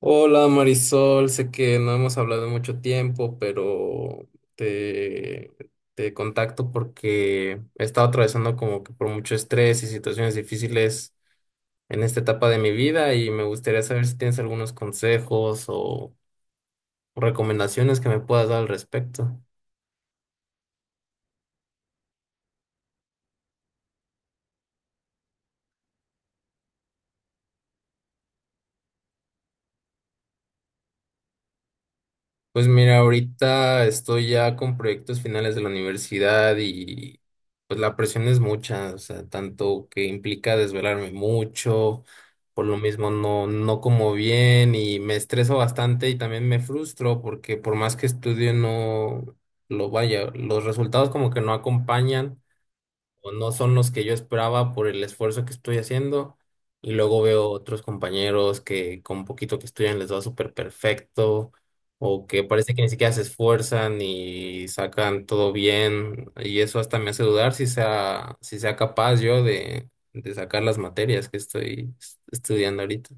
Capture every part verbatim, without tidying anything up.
Hola Marisol, sé que no hemos hablado en mucho tiempo, pero te, te contacto porque he estado atravesando como que por mucho estrés y situaciones difíciles en esta etapa de mi vida y me gustaría saber si tienes algunos consejos o recomendaciones que me puedas dar al respecto. Pues mira, ahorita estoy ya con proyectos finales de la universidad y pues la presión es mucha, o sea, tanto que implica desvelarme mucho, por lo mismo no, no como bien y me estreso bastante y también me frustro porque por más que estudio no lo vaya, los resultados como que no acompañan o no son los que yo esperaba por el esfuerzo que estoy haciendo. Y luego veo otros compañeros que con poquito que estudian les va súper perfecto, o que parece que ni siquiera se esfuerzan y sacan todo bien. Y eso hasta me hace dudar si sea, si sea capaz yo de, de sacar las materias que estoy es- estudiando ahorita.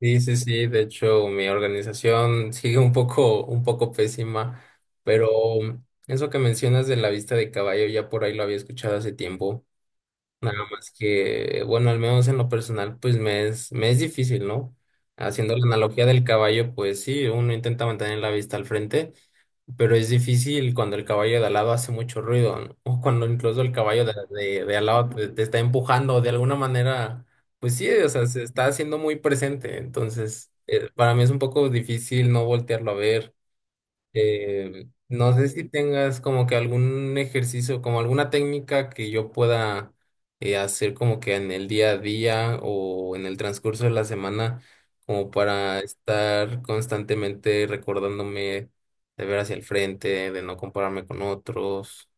Sí, sí, sí, de hecho mi organización sigue un poco, un poco pésima, pero eso que mencionas de la vista de caballo ya por ahí lo había escuchado hace tiempo. Nada más que, bueno, al menos en lo personal, pues me es, me es difícil, ¿no? Haciendo la analogía del caballo, pues sí, uno intenta mantener la vista al frente, pero es difícil cuando el caballo de al lado hace mucho ruido, ¿no? O cuando incluso el caballo de, de, de al lado te, te está empujando de alguna manera, pues sí, o sea, se está haciendo muy presente. Entonces, eh, para mí es un poco difícil no voltearlo a ver. Eh, no sé si tengas como que algún ejercicio, como alguna técnica que yo pueda eh, hacer como que en el día a día o en el transcurso de la semana, como para estar constantemente recordándome de ver hacia el frente, de no compararme con otros.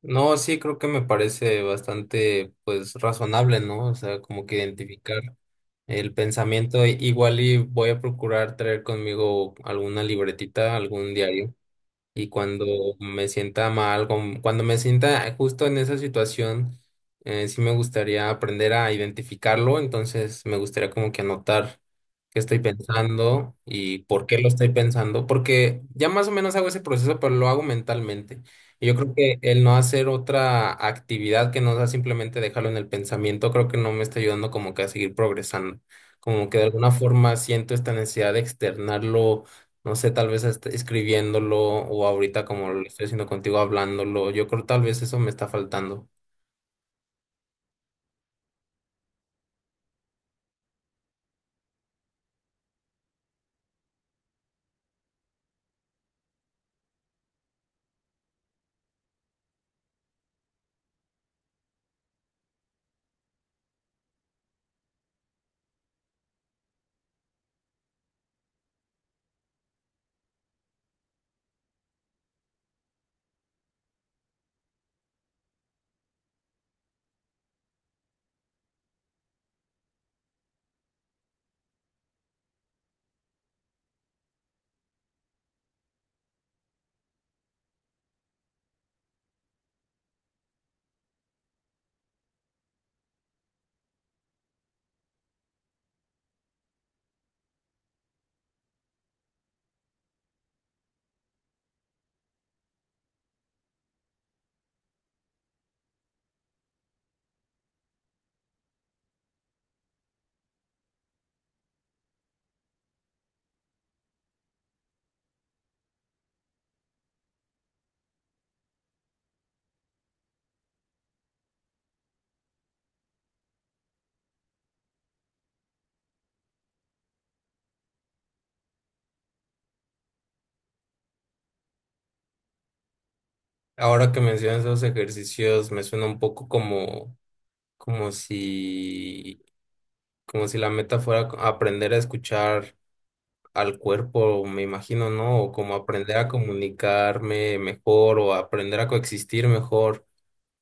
No, sí, creo que me parece bastante pues razonable, ¿no? O sea, como que identificar el pensamiento, igual y voy a procurar traer conmigo alguna libretita, algún diario. Y cuando me sienta mal, con- cuando me sienta justo en esa situación, eh, sí me gustaría aprender a identificarlo, entonces me gustaría como que anotar qué estoy pensando y por qué lo estoy pensando, porque ya más o menos hago ese proceso, pero lo hago mentalmente. Y yo creo que el no hacer otra actividad que no sea simplemente dejarlo en el pensamiento, creo que no me está ayudando como que a seguir progresando. Como que de alguna forma siento esta necesidad de externarlo, no sé, tal vez hasta escribiéndolo o ahorita como lo estoy haciendo contigo hablándolo. Yo creo tal vez eso me está faltando. Ahora que mencionas esos ejercicios, me suena un poco como, como si, como si la meta fuera co- aprender a escuchar al cuerpo, me imagino, ¿no? O como aprender a comunicarme mejor o aprender a coexistir mejor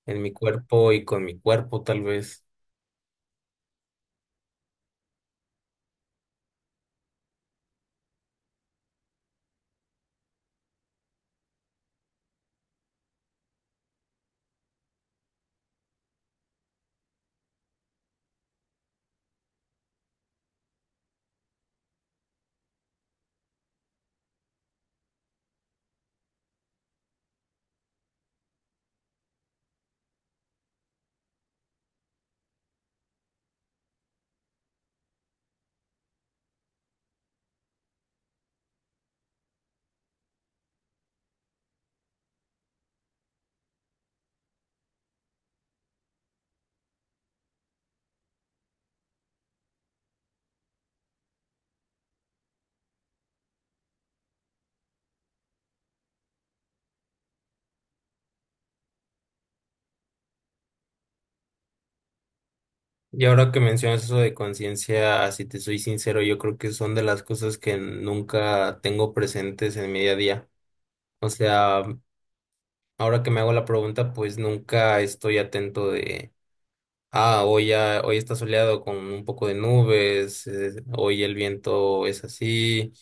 en mi cuerpo y con mi cuerpo, tal vez. Y ahora que mencionas eso de conciencia, si te soy sincero, yo creo que son de las cosas que nunca tengo presentes en mi día a día. O sea, ahora que me hago la pregunta, pues nunca estoy atento de... Ah, hoy ya, hoy está soleado con un poco de nubes, eh, hoy el viento es así.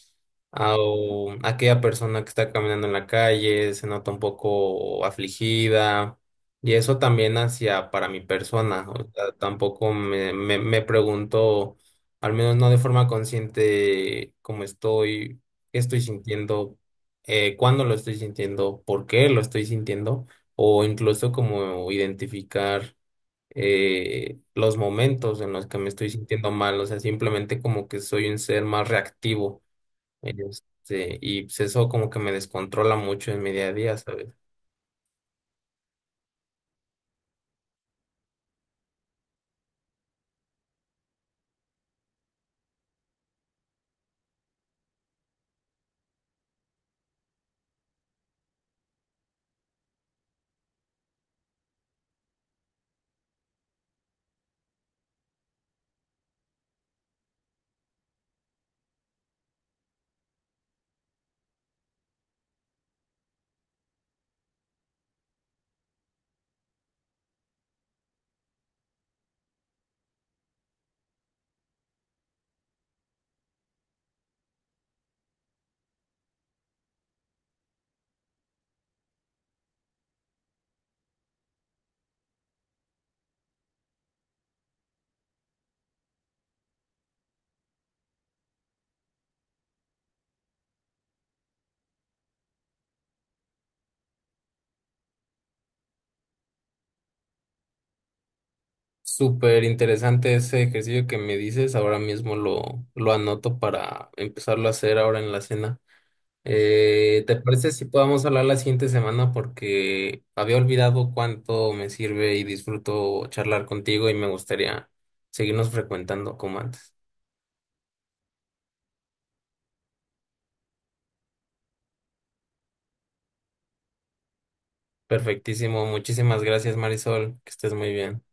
Ah, o aquella persona que está caminando en la calle se nota un poco afligida. Y eso también hacia para mi persona. O sea, tampoco me, me, me pregunto, al menos no de forma consciente, cómo estoy, qué estoy sintiendo, eh, cuándo lo estoy sintiendo, por qué lo estoy sintiendo, o incluso como identificar eh, los momentos en los que me estoy sintiendo mal, o sea, simplemente como que soy un ser más reactivo, este, y pues eso como que me descontrola mucho en mi día a día, ¿sabes? Súper interesante ese ejercicio que me dices, ahora mismo lo, lo anoto para empezarlo a hacer ahora en la cena. Eh, ¿te parece si podamos hablar la siguiente semana? Porque había olvidado cuánto me sirve y disfruto charlar contigo y me gustaría seguirnos frecuentando como antes. Perfectísimo. Muchísimas gracias, Marisol. Que estés muy bien.